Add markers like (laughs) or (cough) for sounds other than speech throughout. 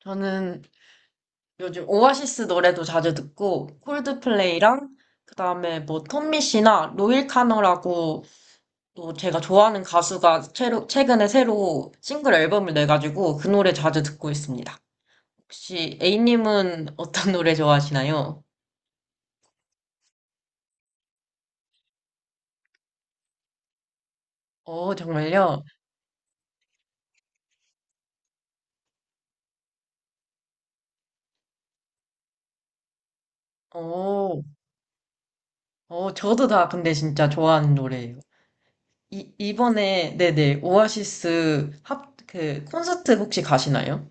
저는 요즘 오아시스 노래도 자주 듣고 콜드플레이랑 그다음에 뭐 톰미 씨나 로일 카너라고 또 제가 좋아하는 가수가 최근에 새로 싱글 앨범을 내가지고 그 노래 자주 듣고 있습니다. 혹시 A님은 어떤 (laughs) 노래 좋아하시나요? 어, 정말요? 어, 저도 다 근데 진짜 좋아하는 노래예요. 이번에, 네네, 콘서트 혹시 가시나요?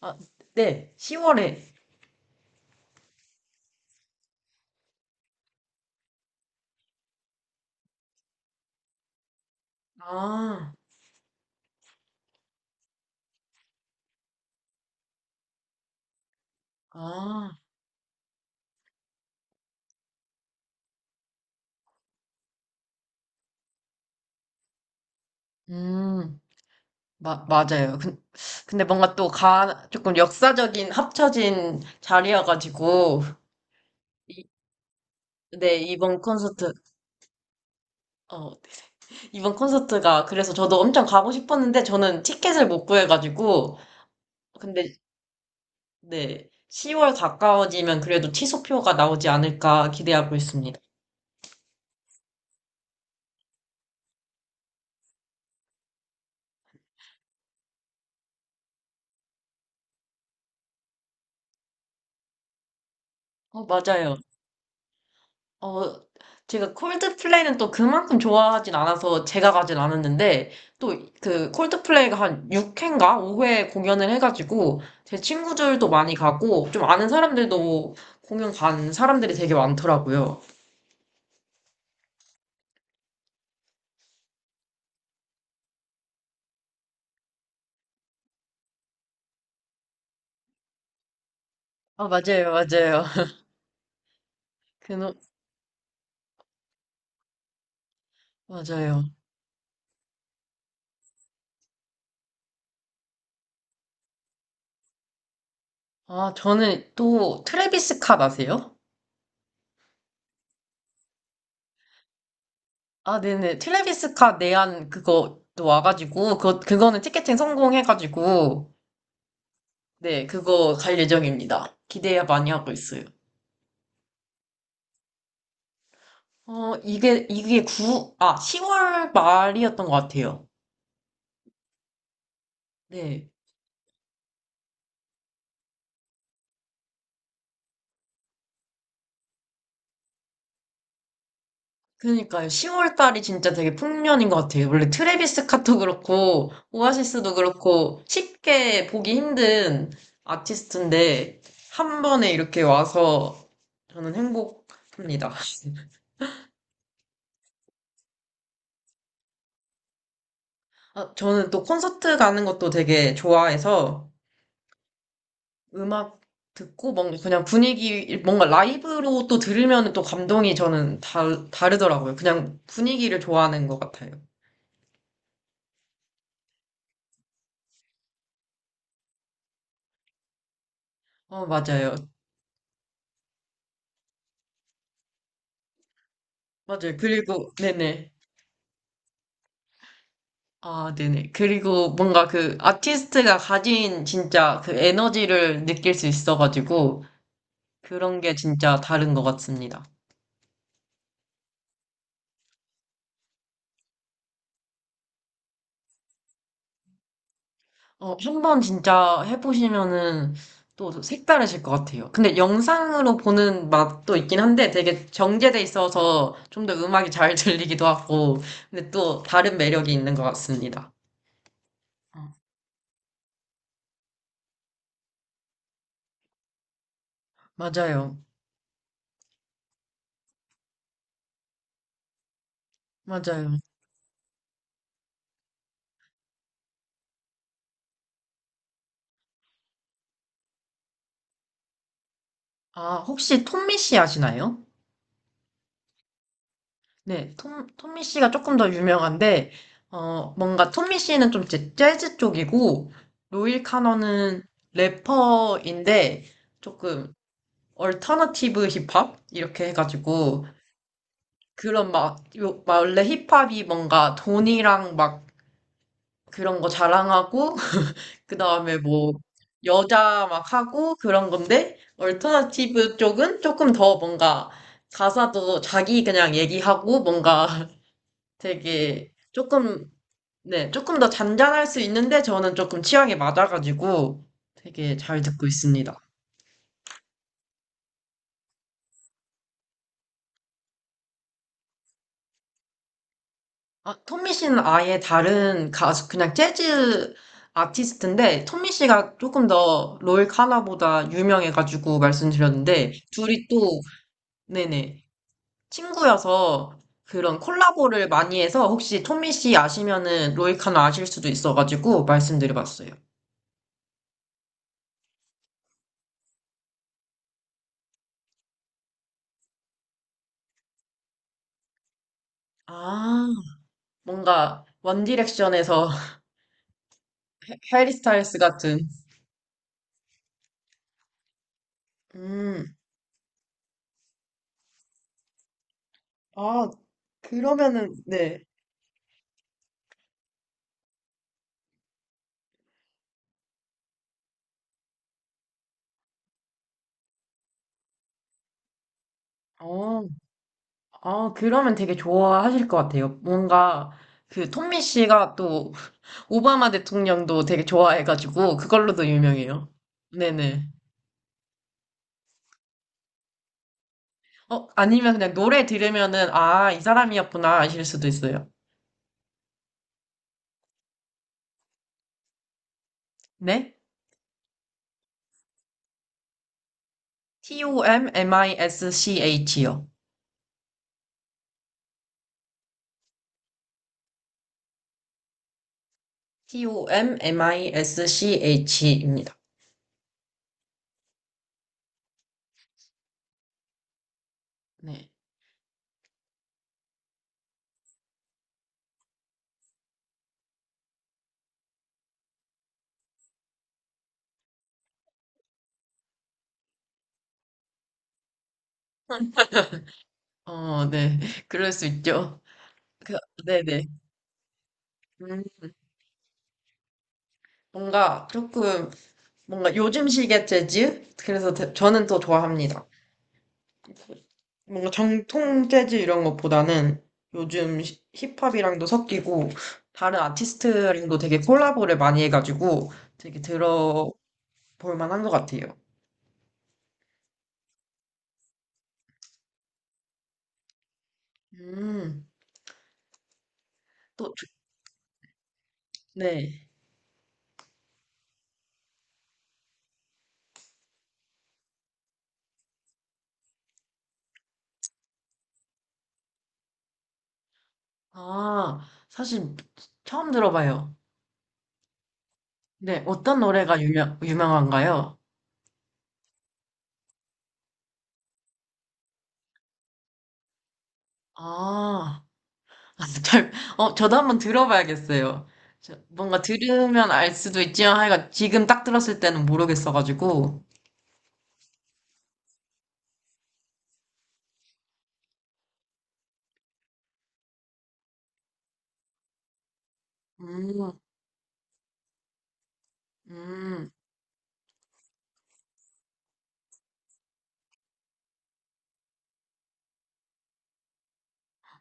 아, 네, 10월에. 아. 아, 음, 맞아요. 근데 뭔가 또 조금 역사적인 합쳐진 자리여가지고, 이, 네, 어, 이번 콘서트가, 그래서 저도 엄청 가고 싶었는데, 저는 티켓을 못 구해가지고, 근데, 네, 10월 가까워지면 그래도 취소표가 나오지 않을까 기대하고 있습니다. 어, 맞아요. 어, 제가 콜드플레이는 또 그만큼 좋아하진 않아서 제가 가진 않았는데, 또 그 콜드플레이가 한 6회인가 5회 공연을 해가지고, 제 친구들도 많이 가고, 좀 아는 사람들도 공연 간 사람들이 되게 많더라고요. 아, 맞아요, 맞아요. (laughs) 그, 노- 맞아요. 아, 저는 또 트래비스 캇 아세요? 아, 네네. 트래비스 캇 내한 그거도 와가지고, 그거는 티켓팅 성공해가지고, 네, 그거 갈 예정입니다. 기대 많이 하고 있어요. 이게 10월 말이었던 것 같아요. 네. 그러니까요. 10월 달이 진짜 되게 풍년인 것 같아요. 원래 트래비스 스캇도 그렇고, 오아시스도 그렇고, 쉽게 보기 힘든 아티스트인데, 한 번에 이렇게 와서 저는 행복합니다. (laughs) 아, 저는 또 콘서트 가는 것도 되게 좋아해서, 음악 듣고 뭔가 그냥 분위기 뭔가 라이브로 또 들으면 또 감동이 저는 다르더라고요. 그냥 분위기를 좋아하는 것 같아요. 어, 맞아요. 맞아요. 그리고 네네. 아, 네네. 그리고 뭔가 그 아티스트가 가진 진짜 그 에너지를 느낄 수 있어가지고 그런 게 진짜 다른 것 같습니다. 어, 한번 진짜 해보시면은 또 색다르실 것 같아요. 근데 영상으로 보는 맛도 있긴 한데 되게 정제돼 있어서 좀 더 음악이 잘 (laughs) 들리기도 하고, 근데 또 다른 매력이 있는 것 같습니다. 어, 맞아요. 맞아요. 아, 혹시 톰미 씨 아시나요? 네, 톰미 씨가 조금 더 유명한데, 뭔가 톰미 씨는 좀 재즈 쪽이고, 로일 카너는 래퍼인데, 조금 얼터너티브 힙합 이렇게 해가지고 그런 막 막 원래 힙합이 뭔가 돈이랑 막 그런 거 자랑하고 (laughs) 그 다음에 뭐 여자 막 하고 그런 건데 얼터너티브 쪽은 조금 더 뭔가 가사도 자기 그냥 얘기하고 뭔가 (laughs) 되게 조금 네 조금 더 잔잔할 수 있는데 저는 조금 취향에 맞아가지고 되게 잘 듣고 있습니다. 아, 톰미 씨는 아예 다른 가수, 그냥 재즈 아티스트인데, 톰미 씨가 조금 더 롤 카나보다 유명해가지고 말씀드렸는데, 둘이 또, 네네, 친구여서 그런 콜라보를 많이 해서, 혹시 톰미씨 아시면은 롤 카나 아실 수도 있어가지고 말씀드려봤어요. 아, 뭔가, 원디렉션에서 (laughs) 해리 스타일스 같은. 음, 아, 그러면은, 네. 어. 아, 그러면 되게 좋아하실 것 같아요. 뭔가 그 톰미 씨가 또 (laughs) 오바마 대통령도 되게 좋아해가지고 그걸로도 유명해요. 네네. 아니면 그냥 노래 들으면은 아, 이 사람이었구나 아실 수도 있어요. 네? T-O-M-M-I-S-C-H요. T-O-M-M-I-S-C-H입니다. 네. 어, 네. (laughs) 그럴 수 있죠. 그, 네네. 음, 뭔가 조금, 뭔가 요즘식의 재즈? 그래서 저는 더 좋아합니다. 뭔가 정통 재즈 이런 것보다는 요즘 히- 힙합이랑도 섞이고 다른 아티스트랑도 되게 콜라보를 많이 해가지고 되게 들어볼 만한 것 같아요. 음, 또, 네. 아, 사실 처음 들어봐요. 네, 어떤 노래가 유명한가요? 아, (laughs) 저도 한번 들어봐야겠어요. 뭔가 들으면 알 수도 있지만 하여간 지금 딱 들었을 때는 모르겠어가지고. 음, 음.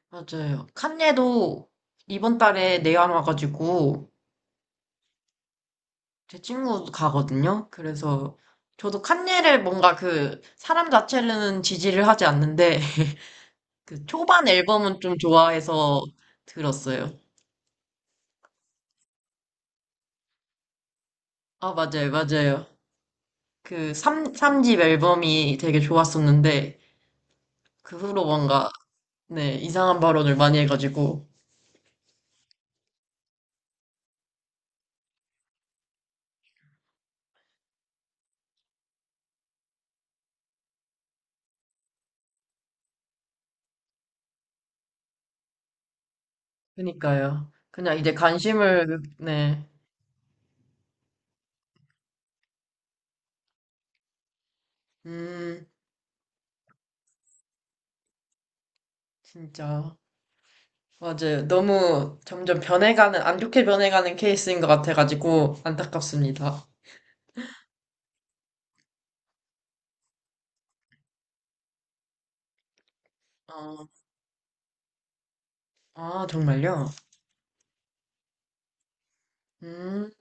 맞아요. 칸예도 이번 달에 내한 와가지고 제 친구 가거든요. 그래서 저도 칸예를 뭔가 그 사람 자체는 지지를 하지 않는데 (laughs) 그 초반 앨범은 좀 좋아해서 들었어요. 아, 맞아요, 맞아요. 그 삼집 앨범이 되게 좋았었는데 그 후로 뭔가 네, 이상한 발언을 많이 해가지고 그니까요. 그냥 이제 관심을 네. 음, 진짜. 맞아요. 너무 점점 변해가는, 안 좋게 변해가는 케이스인 것 같아가지고 안타깝습니다. 어, 아, 정말요? 음,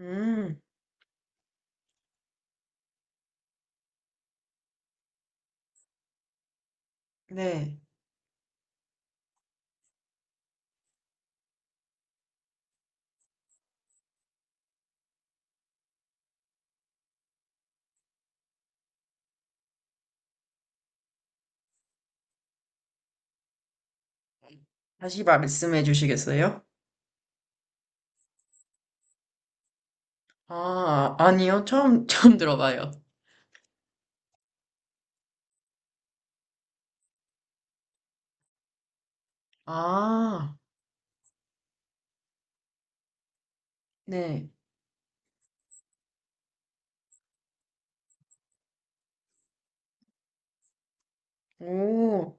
음, 네. 다시 말씀해 주시겠어요? 아, 아니요. 처음, (laughs) 처음 들어봐요. 아, 네. 오,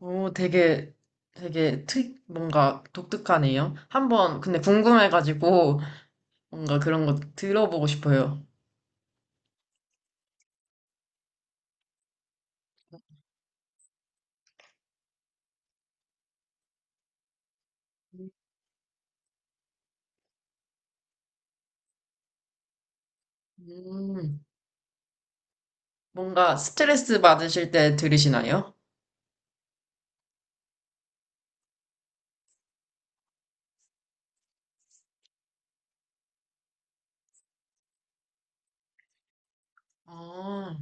오, 되게 뭔가 독특하네요. 한번, 근데 궁금해가지고 뭔가 그런 거 들어보고 싶어요. 음, 뭔가 스트레스 받으실 때 들으시나요? 아,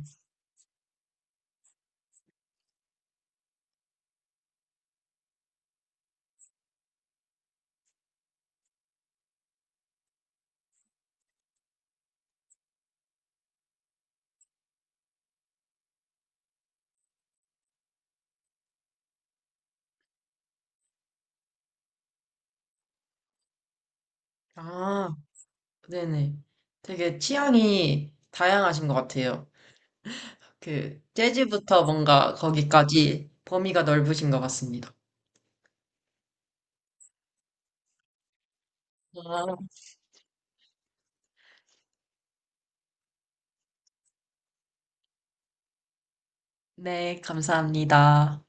아, 네네. 되게 취향이 다양하신 것 같아요. 재즈부터 뭔가 거기까지 범위가 넓으신 것 같습니다. 아, 네, 감사합니다.